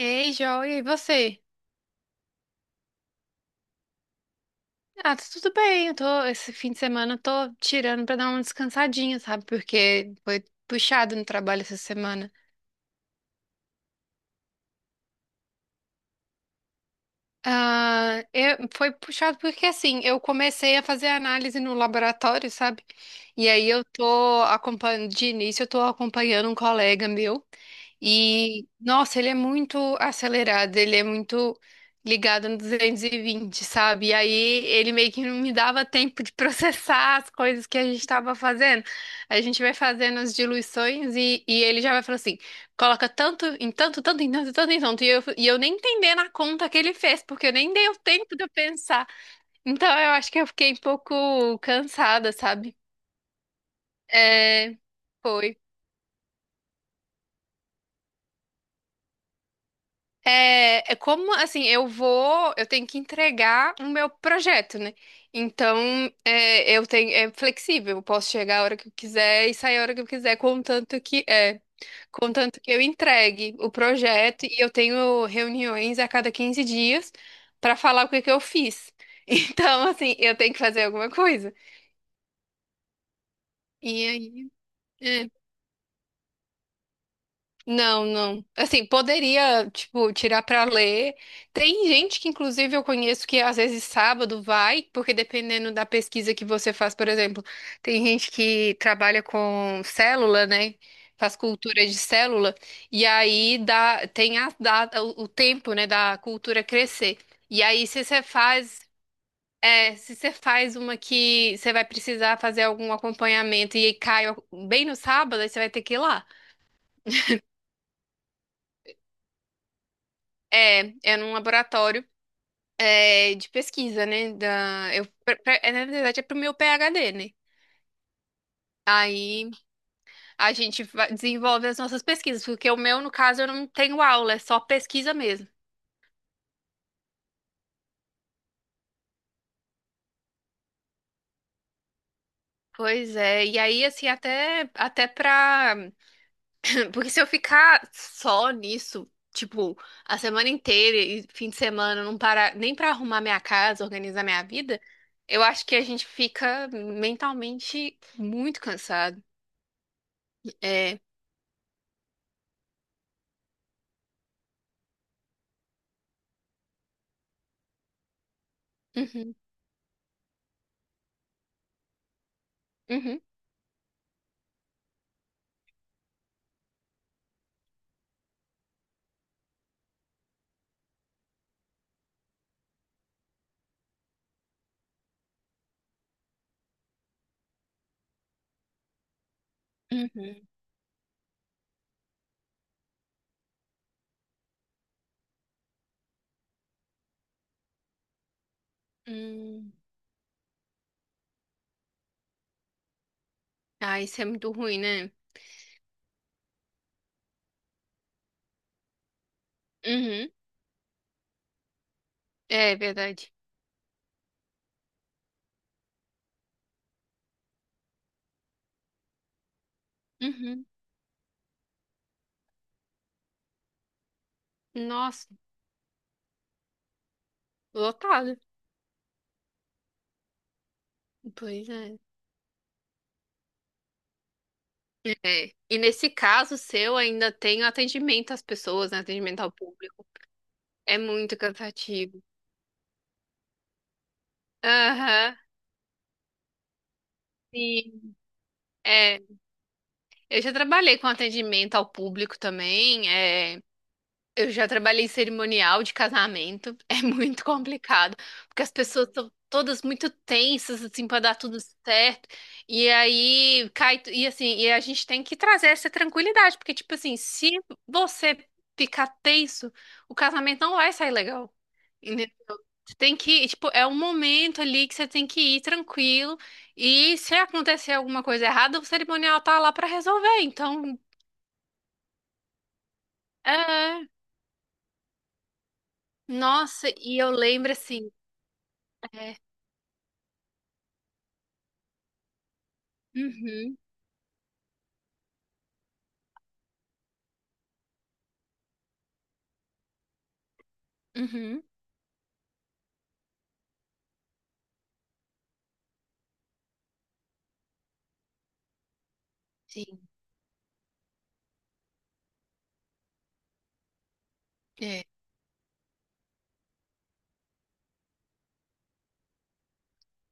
Ei, joia, e você? Ah, tá tudo bem. Esse fim de semana eu tô tirando pra dar uma descansadinha, sabe? Porque foi puxado no trabalho essa semana. Ah, foi puxado porque assim, eu comecei a fazer análise no laboratório, sabe? E aí eu tô acompanhando, de início eu tô acompanhando um colega meu. E, nossa, ele é muito acelerado, ele é muito ligado no 220, sabe? E aí ele meio que não me dava tempo de processar as coisas que a gente estava fazendo. A gente vai fazendo as diluições e ele já vai falando assim: coloca tanto em tanto, tanto em tanto, tanto em tanto. E eu nem entendendo a conta que ele fez, porque eu nem dei o tempo de eu pensar. Então eu acho que eu fiquei um pouco cansada, sabe? É, foi. É como assim, eu tenho que entregar o meu projeto, né? Então, é, é flexível, eu posso chegar a hora que eu quiser e sair a hora que eu quiser, contanto que eu entregue o projeto e eu tenho reuniões a cada 15 dias para falar o que que eu fiz. Então, assim, eu tenho que fazer alguma coisa. E aí, é. Não, não. Assim, poderia, tipo, tirar pra ler. Tem gente que, inclusive, eu conheço que às vezes sábado vai, porque dependendo da pesquisa que você faz, por exemplo, tem gente que trabalha com célula, né? Faz cultura de célula, e aí dá, tem a, dá, o tempo, né, da cultura crescer. E aí, se você faz uma que você vai precisar fazer algum acompanhamento e aí cai bem no sábado, aí você vai ter que ir lá. É num laboratório. É, de pesquisa, né? Da, eu, pra- pra- é, Na verdade, é pro meu PhD, né? Aí a gente desenvolve as nossas pesquisas, porque o meu, no caso, eu não tenho aula, é só pesquisa mesmo. Pois é, e aí, assim, até pra. Porque se eu ficar só nisso, tipo, a semana inteira e fim de semana, não parar nem pra arrumar minha casa, organizar minha vida, eu acho que a gente fica mentalmente muito cansado. É. Uhum, uhum, uhum. Hum. Ah, isso é muito ruim, né? Uhum. É verdade. Uhum. Nossa, lotado. Pois é. É. E nesse caso seu, ainda tem o atendimento às pessoas, né? Atendimento ao público. É muito cansativo. Aham. Sim. É. Eu já trabalhei com atendimento ao público também. É. Eu já trabalhei em cerimonial de casamento, é muito complicado, porque as pessoas estão todas muito tensas, assim, para dar tudo certo, e aí e assim, e a gente tem que trazer essa tranquilidade, porque, tipo assim, se você ficar tenso, o casamento não vai sair legal, entendeu? Você tem que, tipo, é um momento ali que você tem que ir tranquilo, e se acontecer alguma coisa errada, o cerimonial tá lá para resolver, então, é. Nossa, e eu lembro assim. É, uhum, uhum. Sim, é.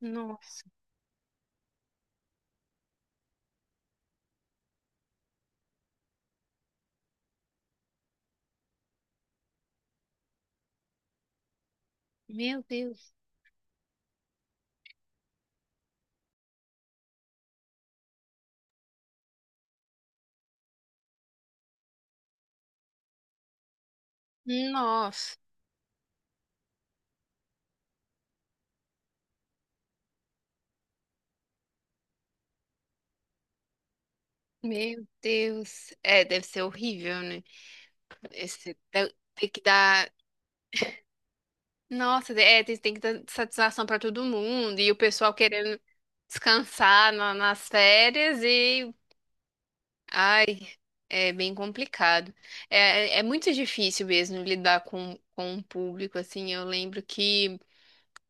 Nossa, meu Deus. Nossa, meu Deus. É, deve ser horrível, né? Tem que dar. Nossa, é, tem que dar satisfação pra todo mundo. E o pessoal querendo descansar nas férias e. Ai, é bem complicado. É, é muito difícil mesmo lidar com o público, assim. Eu lembro que.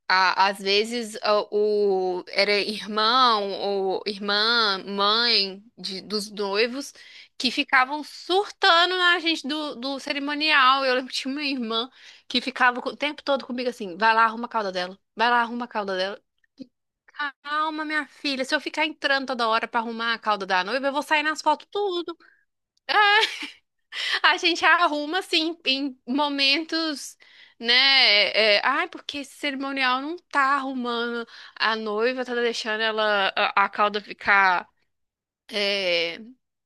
Às vezes era irmão ou irmã, mãe dos noivos que ficavam surtando na gente do cerimonial. Eu lembro que tinha uma irmã que ficava o tempo todo comigo assim: vai lá, arruma a cauda dela, vai lá, arruma a cauda dela. Calma, minha filha, se eu ficar entrando toda hora pra arrumar a cauda da noiva, eu vou sair nas fotos tudo. A gente arruma assim em momentos, né? Ai, porque esse cerimonial não tá arrumando a noiva, tá deixando ela a cauda ficar, é,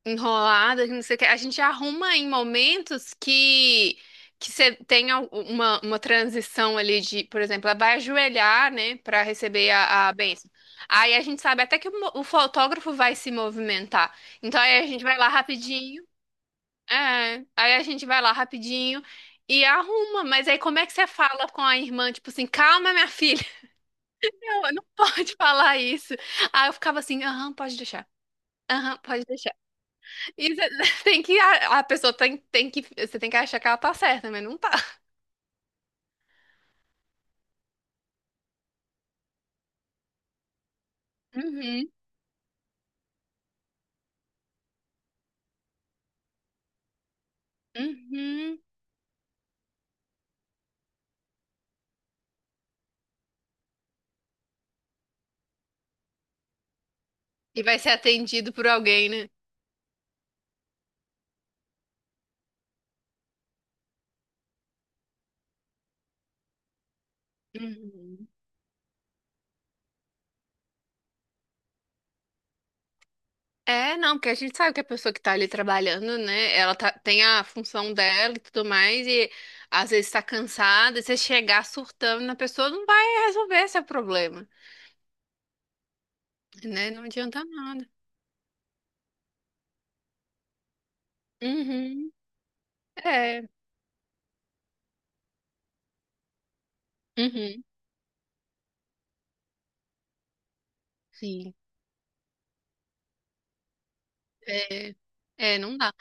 enrolada, que não sei o que. A gente arruma em momentos que você tem uma transição ali de, por exemplo, ela vai ajoelhar, né, para receber a bênção. Aí a gente sabe até que o fotógrafo vai se movimentar. Aí a gente vai lá rapidinho e arruma, mas aí como é que você fala com a irmã, tipo assim, calma, minha filha. Eu não pode falar isso. Aí eu ficava assim, aham, pode deixar. Aham, pode deixar. E você tem que, você tem que achar que ela tá certa, mas não tá. Uhum, uhum. E vai ser atendido por alguém, né? Uhum. É, não, porque a gente sabe que a pessoa que tá ali trabalhando, né, ela tá, tem a função dela e tudo mais, e às vezes tá cansada, e você chegar surtando na pessoa não vai resolver seu problema, né? Não adianta nada. Uhum, é, uhum, sim, é, é, não dá.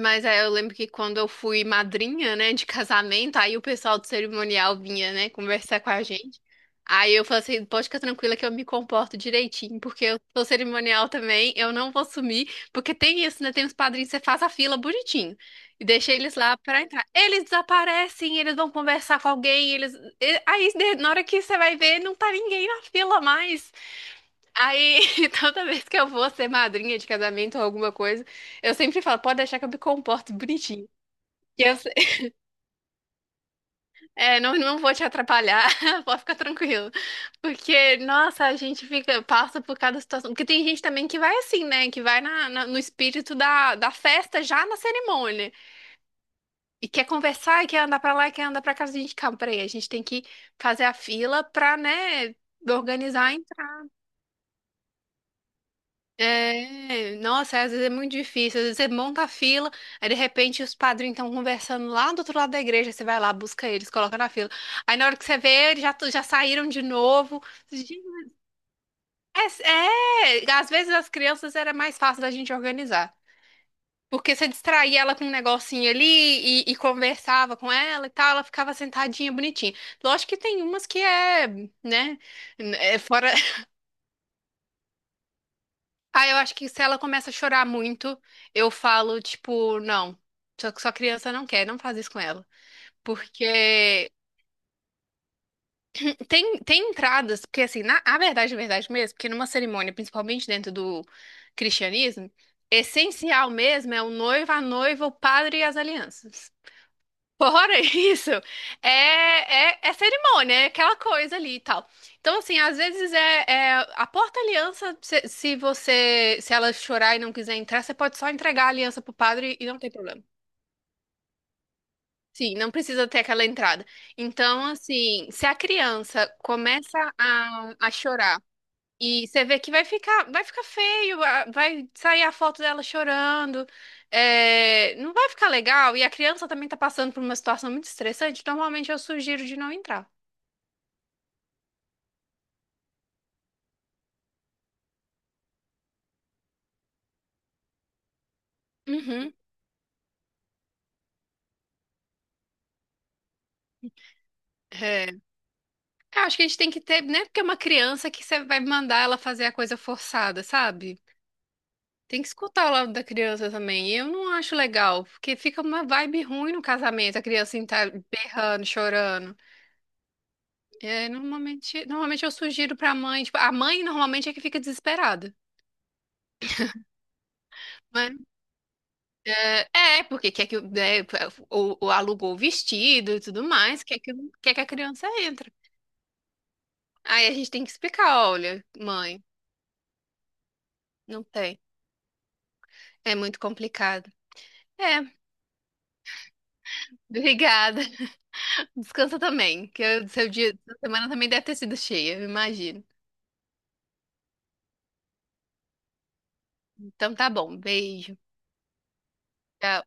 Mas aí eu lembro que quando eu fui madrinha, né, de casamento, aí o pessoal do cerimonial vinha, né, conversar com a gente. Aí eu falei assim, pode ficar tranquila que eu me comporto direitinho, porque eu sou cerimonial também, eu não vou sumir, porque tem isso, né, tem os padrinhos, você faz a fila bonitinho e deixa eles lá pra entrar. Eles desaparecem, eles vão conversar com alguém, eles. Aí na hora que você vai ver, não tá ninguém na fila mais. Aí, toda vez que eu vou ser madrinha de casamento ou alguma coisa, eu sempre falo, pode deixar que eu me comporto bonitinho. Que eu, se- É, não, não vou te atrapalhar. Pode ficar tranquilo. Porque, nossa, a gente passa por cada situação. Porque tem gente também que vai assim, né? Que vai no espírito da festa já na cerimônia. E quer conversar, e quer andar pra lá, e quer andar pra casa. A gente, calma, peraí, a gente tem que fazer a fila pra, né, organizar. É, nossa, é, às vezes é muito difícil. Às vezes você monta a fila, aí de repente os padrinhos estão conversando lá do outro lado da igreja. Você vai lá, busca eles, coloca na fila. Aí na hora que você vê, eles já, já saíram de novo. Gente, É, às vezes as crianças era mais fácil da gente organizar. Porque você distraía ela com um negocinho ali e conversava com ela e tal, ela ficava sentadinha, bonitinha. Lógico que tem umas que é, né, é fora. Ah, eu acho que se ela começa a chorar muito, eu falo, tipo, não. Só que sua criança não quer, não faz isso com ela. Porque tem entradas, porque assim, a verdade mesmo, porque numa cerimônia, principalmente dentro do cristianismo, essencial mesmo é o noivo, a noiva, o padre e as alianças. Fora isso, é, é, é, cerimônia, é aquela coisa ali e tal. Então, assim, às vezes é a porta-aliança, se ela chorar e não quiser entrar, você pode só entregar a aliança pro padre e não tem problema. Sim, não precisa ter aquela entrada. Então, assim, se a criança começa a chorar e você vê que vai ficar feio, vai sair a foto dela chorando, é, não vai ficar legal. E a criança também tá passando por uma situação muito estressante, normalmente eu sugiro de não entrar. Uhum. É. Eu acho que a gente tem que ter, né? Porque é uma criança que você vai mandar ela fazer a coisa forçada, sabe? Tem que escutar o lado da criança também. E eu não acho legal, porque fica uma vibe ruim no casamento, a criança assim, tá berrando, chorando. É, normalmente eu sugiro pra mãe, tipo, a mãe normalmente é que fica desesperada. Mas, é, porque quer que né, alugou o vestido e tudo mais, quer que a criança entre. Aí a gente tem que explicar, olha, mãe, não tem. É muito complicado. É, obrigada. Descansa também, que o seu dia, sua semana também deve ter sido cheia, eu imagino. Então tá bom, beijo. Tchau.